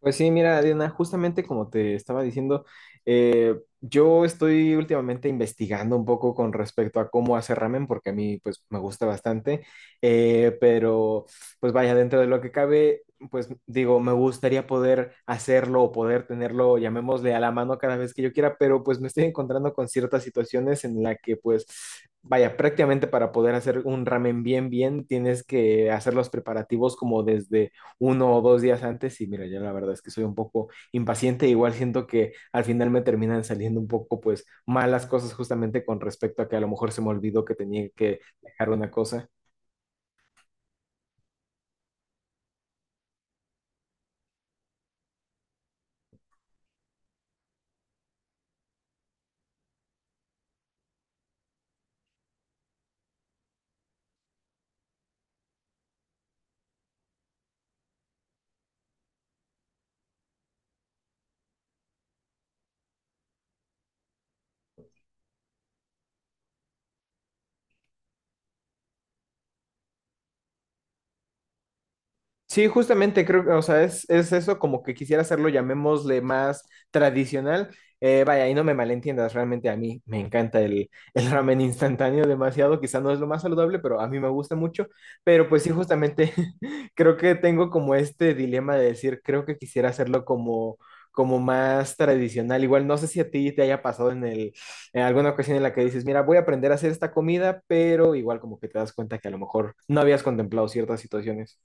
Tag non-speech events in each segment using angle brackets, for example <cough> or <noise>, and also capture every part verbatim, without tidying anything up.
Pues sí, mira, Diana, justamente como te estaba diciendo, eh, yo estoy últimamente investigando un poco con respecto a cómo hacer ramen, porque a mí pues me gusta bastante, eh, pero pues vaya, dentro de lo que cabe, pues digo, me gustaría poder hacerlo o poder tenerlo, llamémosle a la mano cada vez que yo quiera, pero pues me estoy encontrando con ciertas situaciones en la que pues vaya, prácticamente para poder hacer un ramen bien, bien, tienes que hacer los preparativos como desde uno o dos días antes y mira, yo la verdad es que soy un poco impaciente, igual siento que al final me terminan saliendo un poco pues malas cosas justamente con respecto a que a lo mejor se me olvidó que tenía que dejar una cosa. Sí, justamente creo que, o sea, es, es eso como que quisiera hacerlo, llamémosle más tradicional. Eh, vaya, y no me malentiendas, realmente a mí me encanta el, <laughs> el ramen instantáneo demasiado, quizá no es lo más saludable, pero a mí me gusta mucho. Pero pues sí, justamente <laughs> creo que tengo como este dilema de decir, creo que quisiera hacerlo como, como más tradicional. Igual no sé si a ti te haya pasado en el, en alguna ocasión en la que dices, mira, voy a aprender a hacer esta comida, pero igual como que te das cuenta que a lo mejor no habías contemplado ciertas situaciones.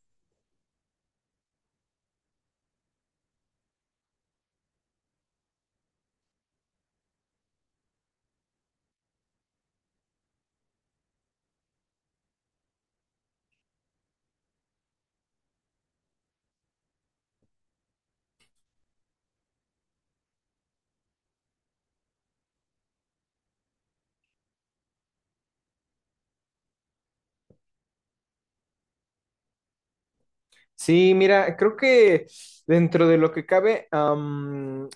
Sí, mira, creo que dentro de lo que cabe, am,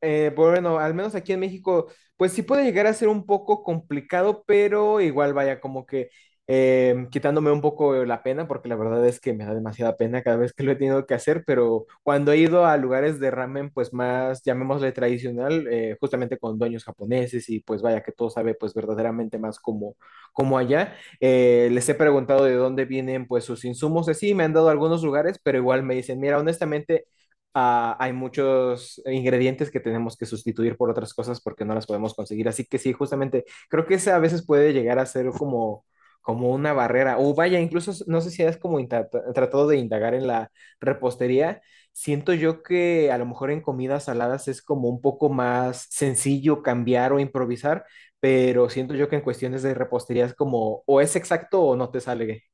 eh, pues bueno, al menos aquí en México, pues sí puede llegar a ser un poco complicado, pero igual vaya como que eh, quitándome un poco la pena, porque la verdad es que me da demasiada pena cada vez que lo he tenido que hacer, pero cuando he ido a lugares de ramen, pues más, llamémosle tradicional, eh, justamente con dueños japoneses y pues vaya que todo sabe pues verdaderamente más como, como allá, eh, les he preguntado de dónde vienen pues sus insumos, así me han dado algunos lugares, pero igual me dicen, mira, honestamente ah, hay muchos ingredientes que tenemos que sustituir por otras cosas porque no las podemos conseguir. Así que sí, justamente creo que esa a veces puede llegar a ser como, como una barrera. O vaya, incluso no sé si has como inta- tratado de indagar en la repostería. Siento yo que a lo mejor en comidas saladas es como un poco más sencillo cambiar o improvisar, pero siento yo que en cuestiones de repostería es como o es exacto o no te sale.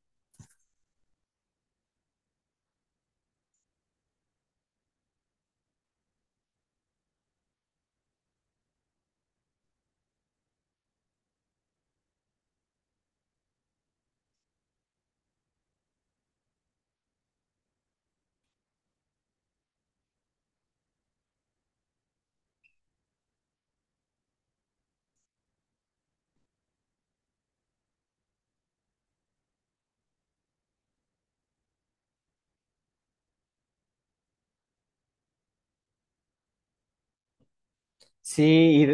Sí,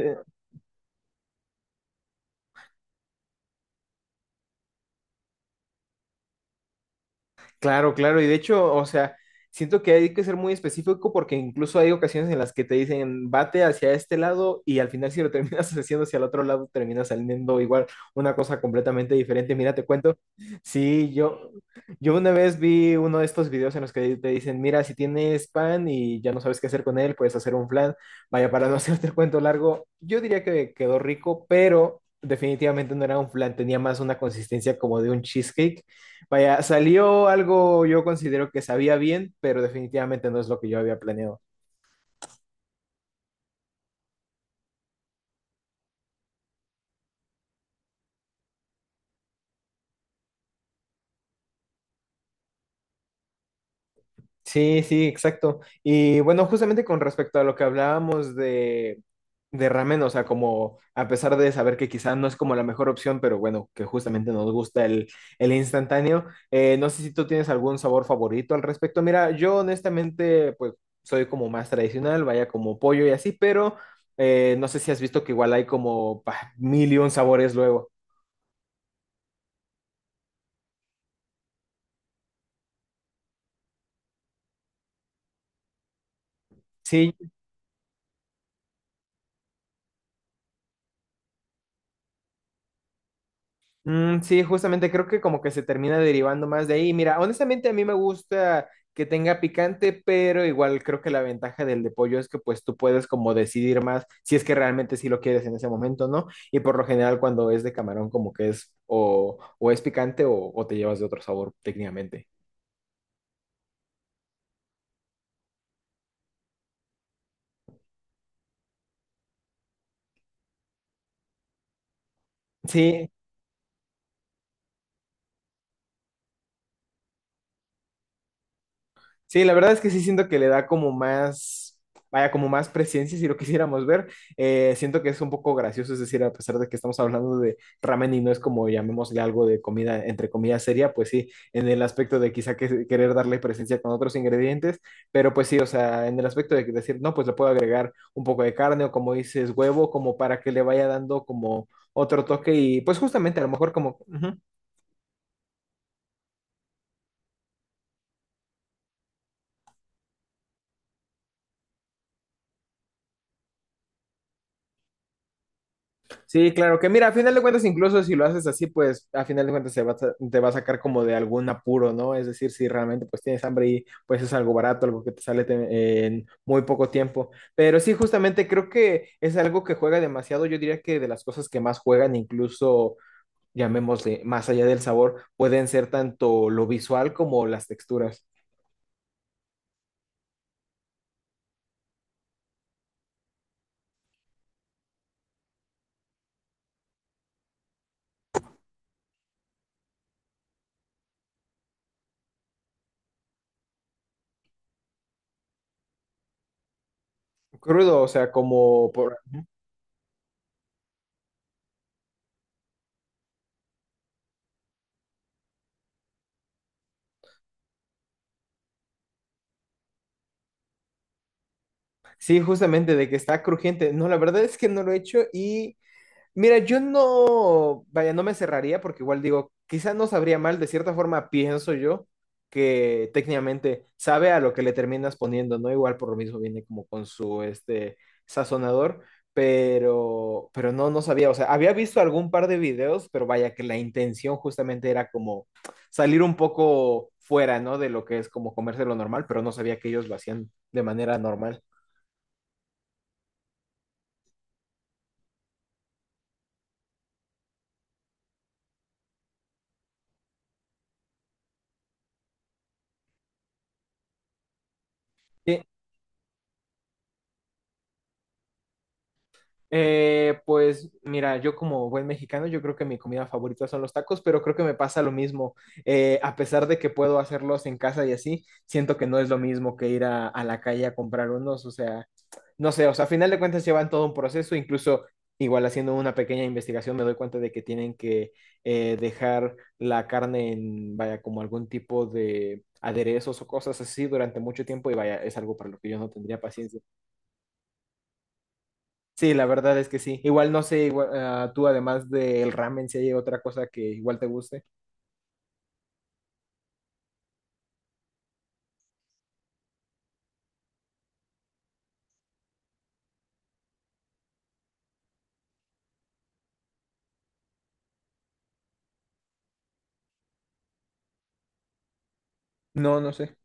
claro, claro, y de hecho, o sea, siento que hay que ser muy específico porque incluso hay ocasiones en las que te dicen bate hacia este lado y al final si lo terminas <laughs> haciendo hacia el otro lado termina saliendo igual una cosa completamente diferente. Mira, te cuento, sí, yo, yo una vez vi uno de estos videos en los que te dicen, mira, si tienes pan y ya no sabes qué hacer con él, puedes hacer un flan. Vaya, para no <laughs> hacerte el cuento largo, yo diría que quedó rico, pero definitivamente no era un flan, tenía más una consistencia como de un cheesecake. Vaya, salió algo yo considero que sabía bien, pero definitivamente no es lo que yo había planeado. Sí, sí, exacto. Y bueno, justamente con respecto a lo que hablábamos de, de ramen, o sea, como a pesar de saber que quizá no es como la mejor opción, pero bueno, que justamente nos gusta el, el instantáneo, eh, no sé si tú tienes algún sabor favorito al respecto. Mira, yo honestamente, pues soy como más tradicional, vaya como pollo y así, pero eh, no sé si has visto que igual hay como bah, mil y un sabores luego. Sí, mm, sí, justamente creo que como que se termina derivando más de ahí. Mira, honestamente a mí me gusta que tenga picante, pero igual creo que la ventaja del de pollo es que pues tú puedes como decidir más si es que realmente sí lo quieres en ese momento, ¿no? Y por lo general cuando es de camarón como que es o, o es picante o, o te llevas de otro sabor técnicamente. Sí, sí, la verdad es que sí siento que le da como más, vaya, como más presencia si lo <laughs> quisiéramos ver. Eh, siento que es un poco gracioso, es decir, a pesar de que estamos hablando de ramen y no es como llamémosle algo de comida, entre comillas, seria, pues sí, en el aspecto de quizá que, querer darle presencia con otros ingredientes, pero pues sí, o sea, en el aspecto de que decir, no, pues le puedo agregar un poco de carne o como dices, huevo, como para que le vaya dando como otro toque y pues justamente a lo mejor como... ujú. Sí, claro, que mira, a final de cuentas, incluso si lo haces así, pues a final de cuentas se va a sa- te va a sacar como de algún apuro, ¿no? Es decir, si realmente pues tienes hambre y pues es algo barato, algo que te sale te- en muy poco tiempo. Pero sí, justamente creo que es algo que juega demasiado. Yo diría que de las cosas que más juegan, incluso llamémosle, más allá del sabor, pueden ser tanto lo visual como las texturas. Crudo, o sea, como por... Sí, justamente de que está crujiente. No, la verdad es que no lo he hecho y... Mira, yo no, vaya, no me cerraría porque igual digo, quizás no sabría mal, de cierta forma pienso yo que técnicamente sabe a lo que le terminas poniendo, ¿no? Igual por lo mismo viene como con su este sazonador, pero pero no no sabía, o sea, había visto algún par de videos, pero vaya que la intención justamente era como salir un poco fuera, ¿no? De lo que es como comerse lo normal, pero no sabía que ellos lo hacían de manera normal. Eh, pues mira, yo como buen mexicano, yo creo que mi comida favorita son los tacos, pero creo que me pasa lo mismo. Eh, a pesar de que puedo hacerlos en casa y así, siento que no es lo mismo que ir a, a la calle a comprar unos. O sea, no sé, o sea, a final de cuentas llevan todo un proceso, incluso igual haciendo una pequeña investigación me doy cuenta de que tienen que eh, dejar la carne en, vaya, como algún tipo de aderezos o cosas así durante mucho tiempo y vaya, es algo para lo que yo no tendría paciencia. Sí, la verdad es que sí. Igual no sé, igual, ah, tú además del ramen, si hay otra cosa que igual te guste. No, no sé.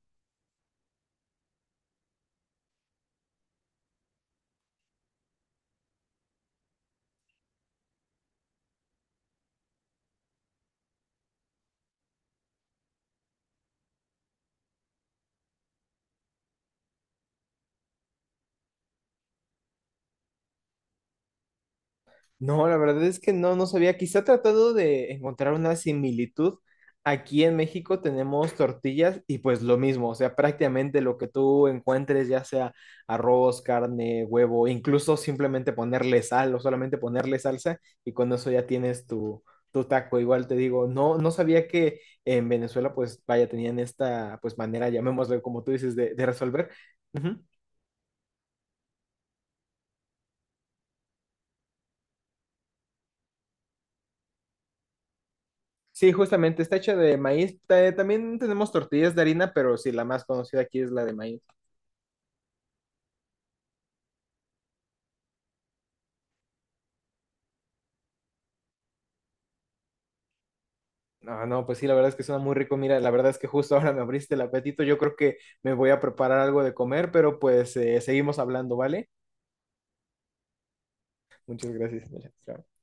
No, la verdad es que no, no sabía. Quizá tratando de encontrar una similitud, aquí en México tenemos tortillas y pues lo mismo, o sea, prácticamente lo que tú encuentres, ya sea arroz, carne, huevo, incluso simplemente ponerle sal o solamente ponerle salsa y con eso ya tienes tu, tu taco. Igual te digo, no, no sabía que en Venezuela pues vaya, tenían esta pues manera, llamémoslo como tú dices, de, de resolver. Ujú. Sí, justamente, está hecha de maíz. Ta- También tenemos tortillas de harina, pero sí, la más conocida aquí es la de maíz. No, no, pues sí, la verdad es que suena muy rico. Mira, la verdad es que justo <laughs> ahora me abriste el apetito. Yo creo que me voy a preparar algo de comer, pero pues eh, seguimos hablando, ¿vale? Muchas gracias. Mira, chao.